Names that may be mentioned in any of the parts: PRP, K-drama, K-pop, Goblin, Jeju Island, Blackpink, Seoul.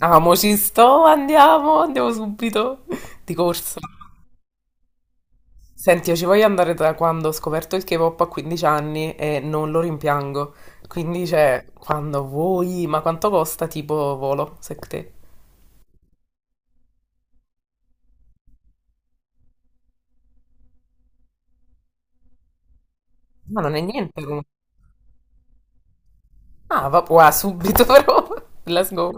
Amo, ci sto, andiamo, andiamo subito, di corsa. Senti, io ci voglio andare da quando ho scoperto il K-pop a 15 anni e non lo rimpiango. Quindi, cioè, quando vuoi, ma quanto costa tipo volo, secondo te? Ma non è niente comunque. Ah, va, wow, subito però, let's go.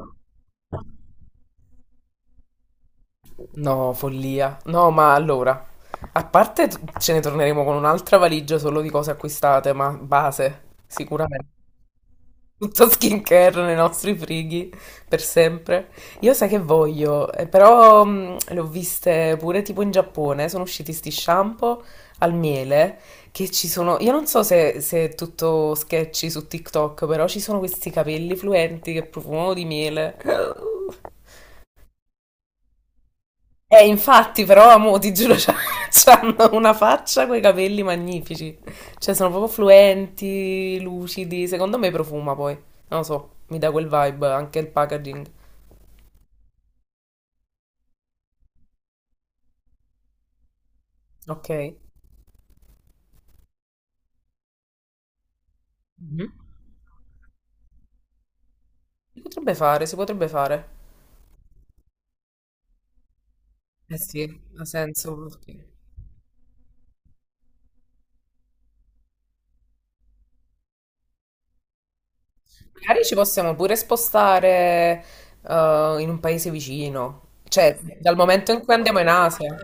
No, follia. No, ma allora, a parte ce ne torneremo con un'altra valigia solo di cose acquistate, ma base, sicuramente. Tutto skincare nei nostri frighi per sempre. Io sai che voglio, però le ho viste pure tipo in Giappone, sono usciti sti shampoo al miele che ci sono. Io non so se è tutto sketchy su TikTok, però ci sono questi capelli fluenti che profumano di miele. Infatti, però, amo, ti giuro, c'hanno una faccia coi capelli magnifici. Cioè, sono proprio fluenti, lucidi. Secondo me profuma poi. Non lo so, mi dà quel vibe, anche il packaging. Ok. Mhm. Si potrebbe fare, si potrebbe fare. Eh sì, ha senso. Magari ci possiamo pure spostare in un paese vicino. Cioè, dal momento in cui andiamo in Asia.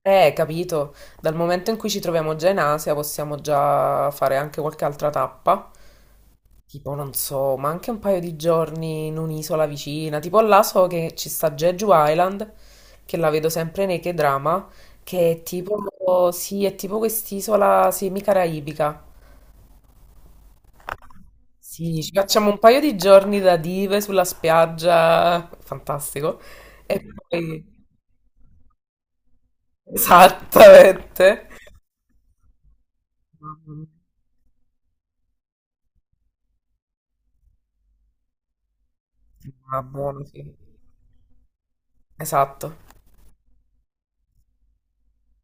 Capito. Dal momento in cui ci troviamo già in Asia, possiamo già fare anche qualche altra tappa. Tipo, non so, ma anche un paio di giorni in un'isola vicina. Tipo là so che ci sta Jeju Island, che la vedo sempre nei K-drama, che è tipo, sì, è tipo quest'isola semi-caraibica. Sì, ci facciamo un paio di giorni da dive sulla spiaggia, fantastico. E poi, esattamente. Ma buono, sì. Esatto.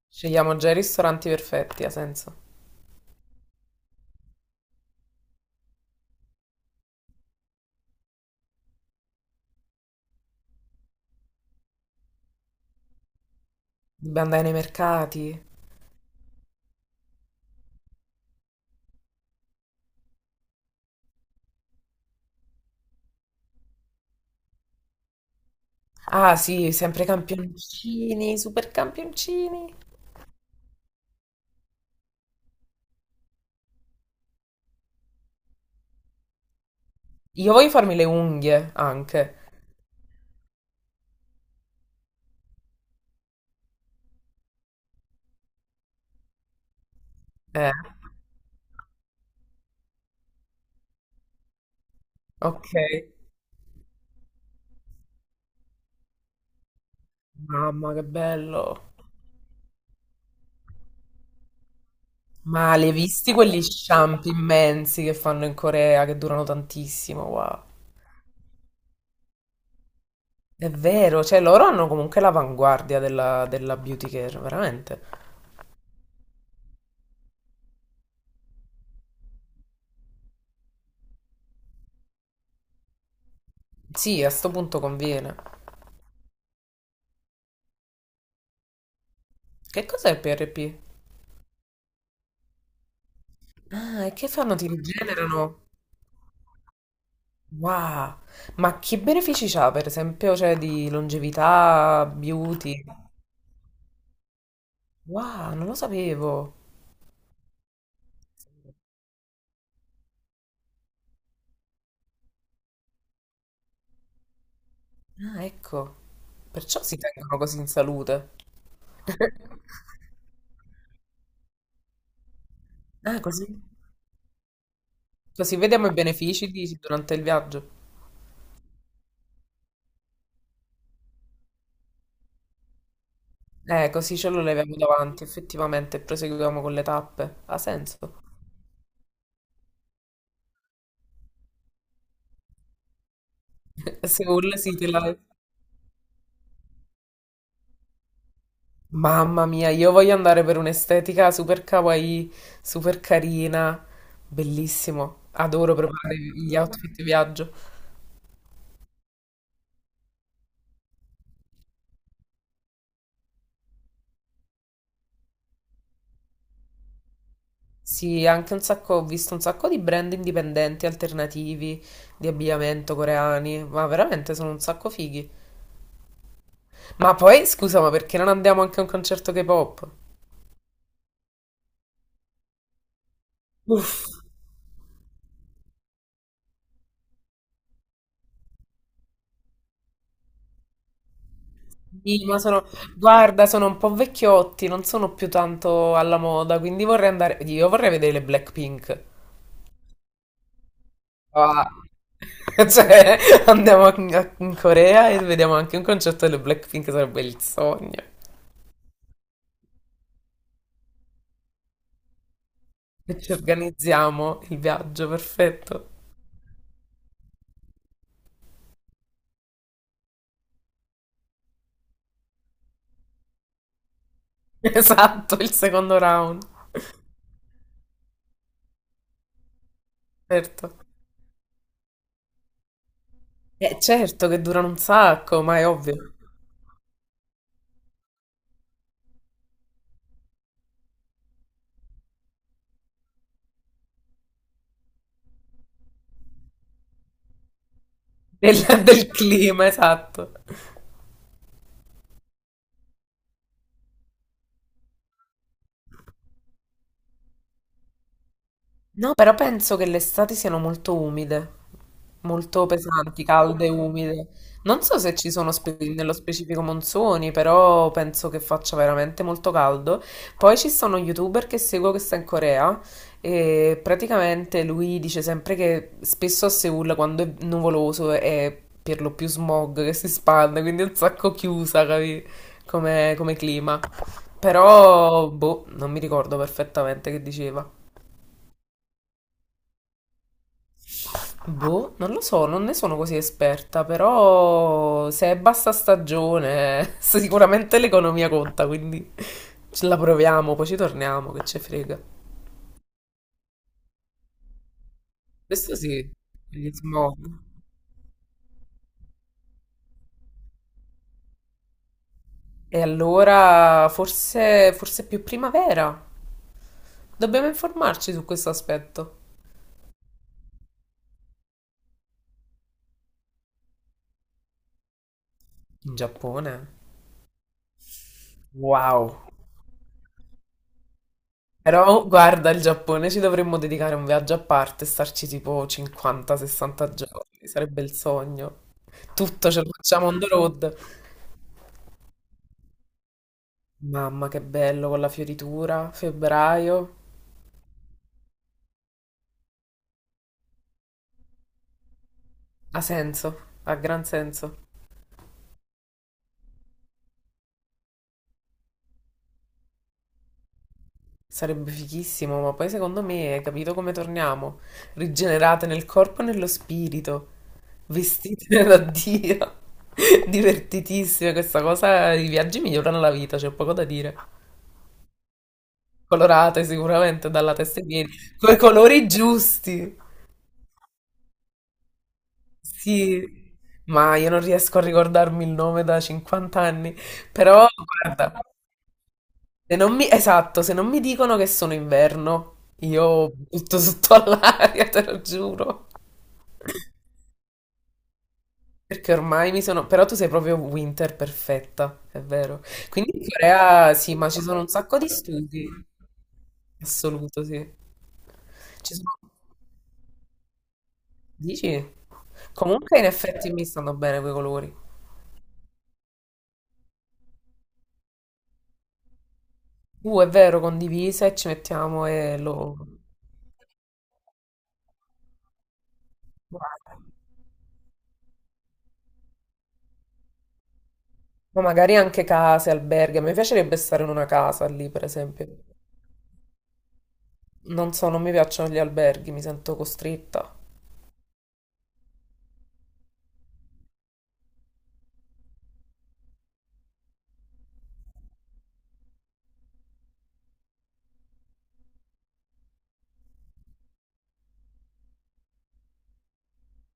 Scegliamo già i ristoranti perfetti, ha senso. Dobbiamo andare nei mercati. Ah, sì, sempre campioncini, super campioncini. Io voglio farmi le unghie anche. Eh, ok. Mamma, che bello. Ma le hai visti quegli shampoo immensi che fanno in Corea che durano tantissimo? Wow. È vero, cioè loro hanno comunque l'avanguardia della beauty care, veramente. Sì, a sto punto conviene. Che cos'è il PRP? Ah, e che fanno? Ti rigenerano? Wow. Ma che benefici c'ha, per esempio, cioè di longevità, beauty? Wow, non lo sapevo. Ah, ecco. Perciò si tengono così in salute. Ah, così? Così vediamo i benefici durante il viaggio. Così ce lo leviamo davanti, effettivamente, e proseguiamo con le tappe. Ha senso. Seoul sì, te la... Mamma mia, io voglio andare per un'estetica super kawaii, super carina, bellissimo. Adoro preparare gli outfit di viaggio. Sì, anche un sacco, ho visto un sacco di brand indipendenti, alternativi, di abbigliamento coreani, ma veramente sono un sacco fighi. Ma poi, scusa, ma perché non andiamo anche a un concerto K-pop? Uff. Sì, ma sono, guarda, sono un po' vecchiotti, non sono più tanto alla moda, quindi vorrei andare, io vorrei vedere le Blackpink. Ah. Cioè, in Corea e vediamo anche un concerto delle Blackpink, sarebbe il sogno. E ci organizziamo il viaggio, perfetto. Esatto, il secondo round, certo. Certo che durano un sacco, ma è ovvio, del, del clima, esatto. No, però penso che le estati siano molto umide, molto pesanti, calde e umide. Non so se ci sono nello specifico monsoni, però penso che faccia veramente molto caldo. Poi ci sono un youtuber che seguo che sta in Corea e praticamente lui dice sempre che spesso a Seoul quando è nuvoloso è per lo più smog che si spande, quindi è un sacco chiusa, capi? Come, come clima. Però, boh, non mi ricordo perfettamente che diceva. Boh, non lo so, non ne sono così esperta, però se è bassa stagione, sicuramente l'economia conta, quindi ce la proviamo, poi ci torniamo, che ci frega. Questo sì, gli smog. E allora forse, forse è più primavera. Dobbiamo informarci su questo aspetto. In Giappone? Wow. Però guarda, il Giappone ci dovremmo dedicare un viaggio a parte e starci tipo 50-60 giorni, sarebbe il sogno. Tutto ce lo facciamo on the road. Mamma, che bello con la fioritura, febbraio. Ha senso, ha gran senso. Sarebbe fighissimo, ma poi secondo me hai capito come torniamo? Rigenerate nel corpo e nello spirito, vestite da Dio. Divertitissime, questa cosa, i viaggi migliorano la vita, c'è poco da dire. Colorate sicuramente dalla testa ai piedi, coi colori giusti. Sì. Ma io non riesco a ricordarmi il nome da 50 anni, però guarda, se non mi, esatto, se non mi dicono che sono inverno, io butto sotto all'aria, te lo giuro. Perché ormai mi sono... Però tu sei proprio winter perfetta, è vero. Quindi in Corea sì, ma ci sono un sacco di studi. Assoluto, sì. Ci sono... Dici? Comunque in effetti mi stanno bene quei colori. È vero, condivise e ci mettiamo e lo... Guarda. Ma magari anche case, alberghi. A me piacerebbe stare in una casa lì, per esempio. Non so, non mi piacciono gli alberghi, mi sento costretta.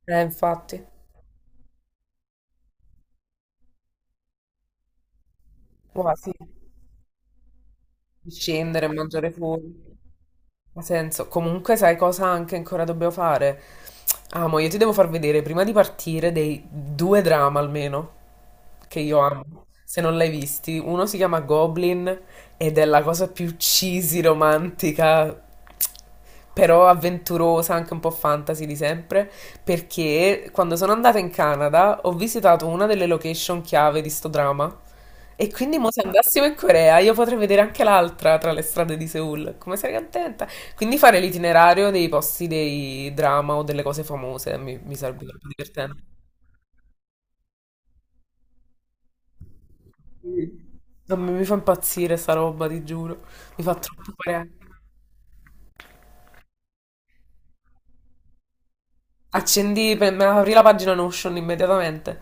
Infatti. Ma sì, di scendere e mangiare fuori. Ha senso. Comunque, sai cosa anche ancora dobbiamo fare? Amo, io ti devo far vedere prima di partire dei due drama almeno. Che io amo. Se non l'hai visti, uno si chiama Goblin ed è la cosa più cheesy, romantica, però avventurosa, anche un po' fantasy di sempre, perché quando sono andata in Canada ho visitato una delle location chiave di sto dramma. E quindi mo se andassimo in Corea io potrei vedere anche l'altra tra le strade di Seoul. Come sarei contenta? Quindi fare l'itinerario dei posti dei drama o delle cose famose mi sarebbe troppo divertente. Non mi fa impazzire sta roba, ti giuro. Mi fa troppo parere. Accendi, apri la pagina Notion immediatamente.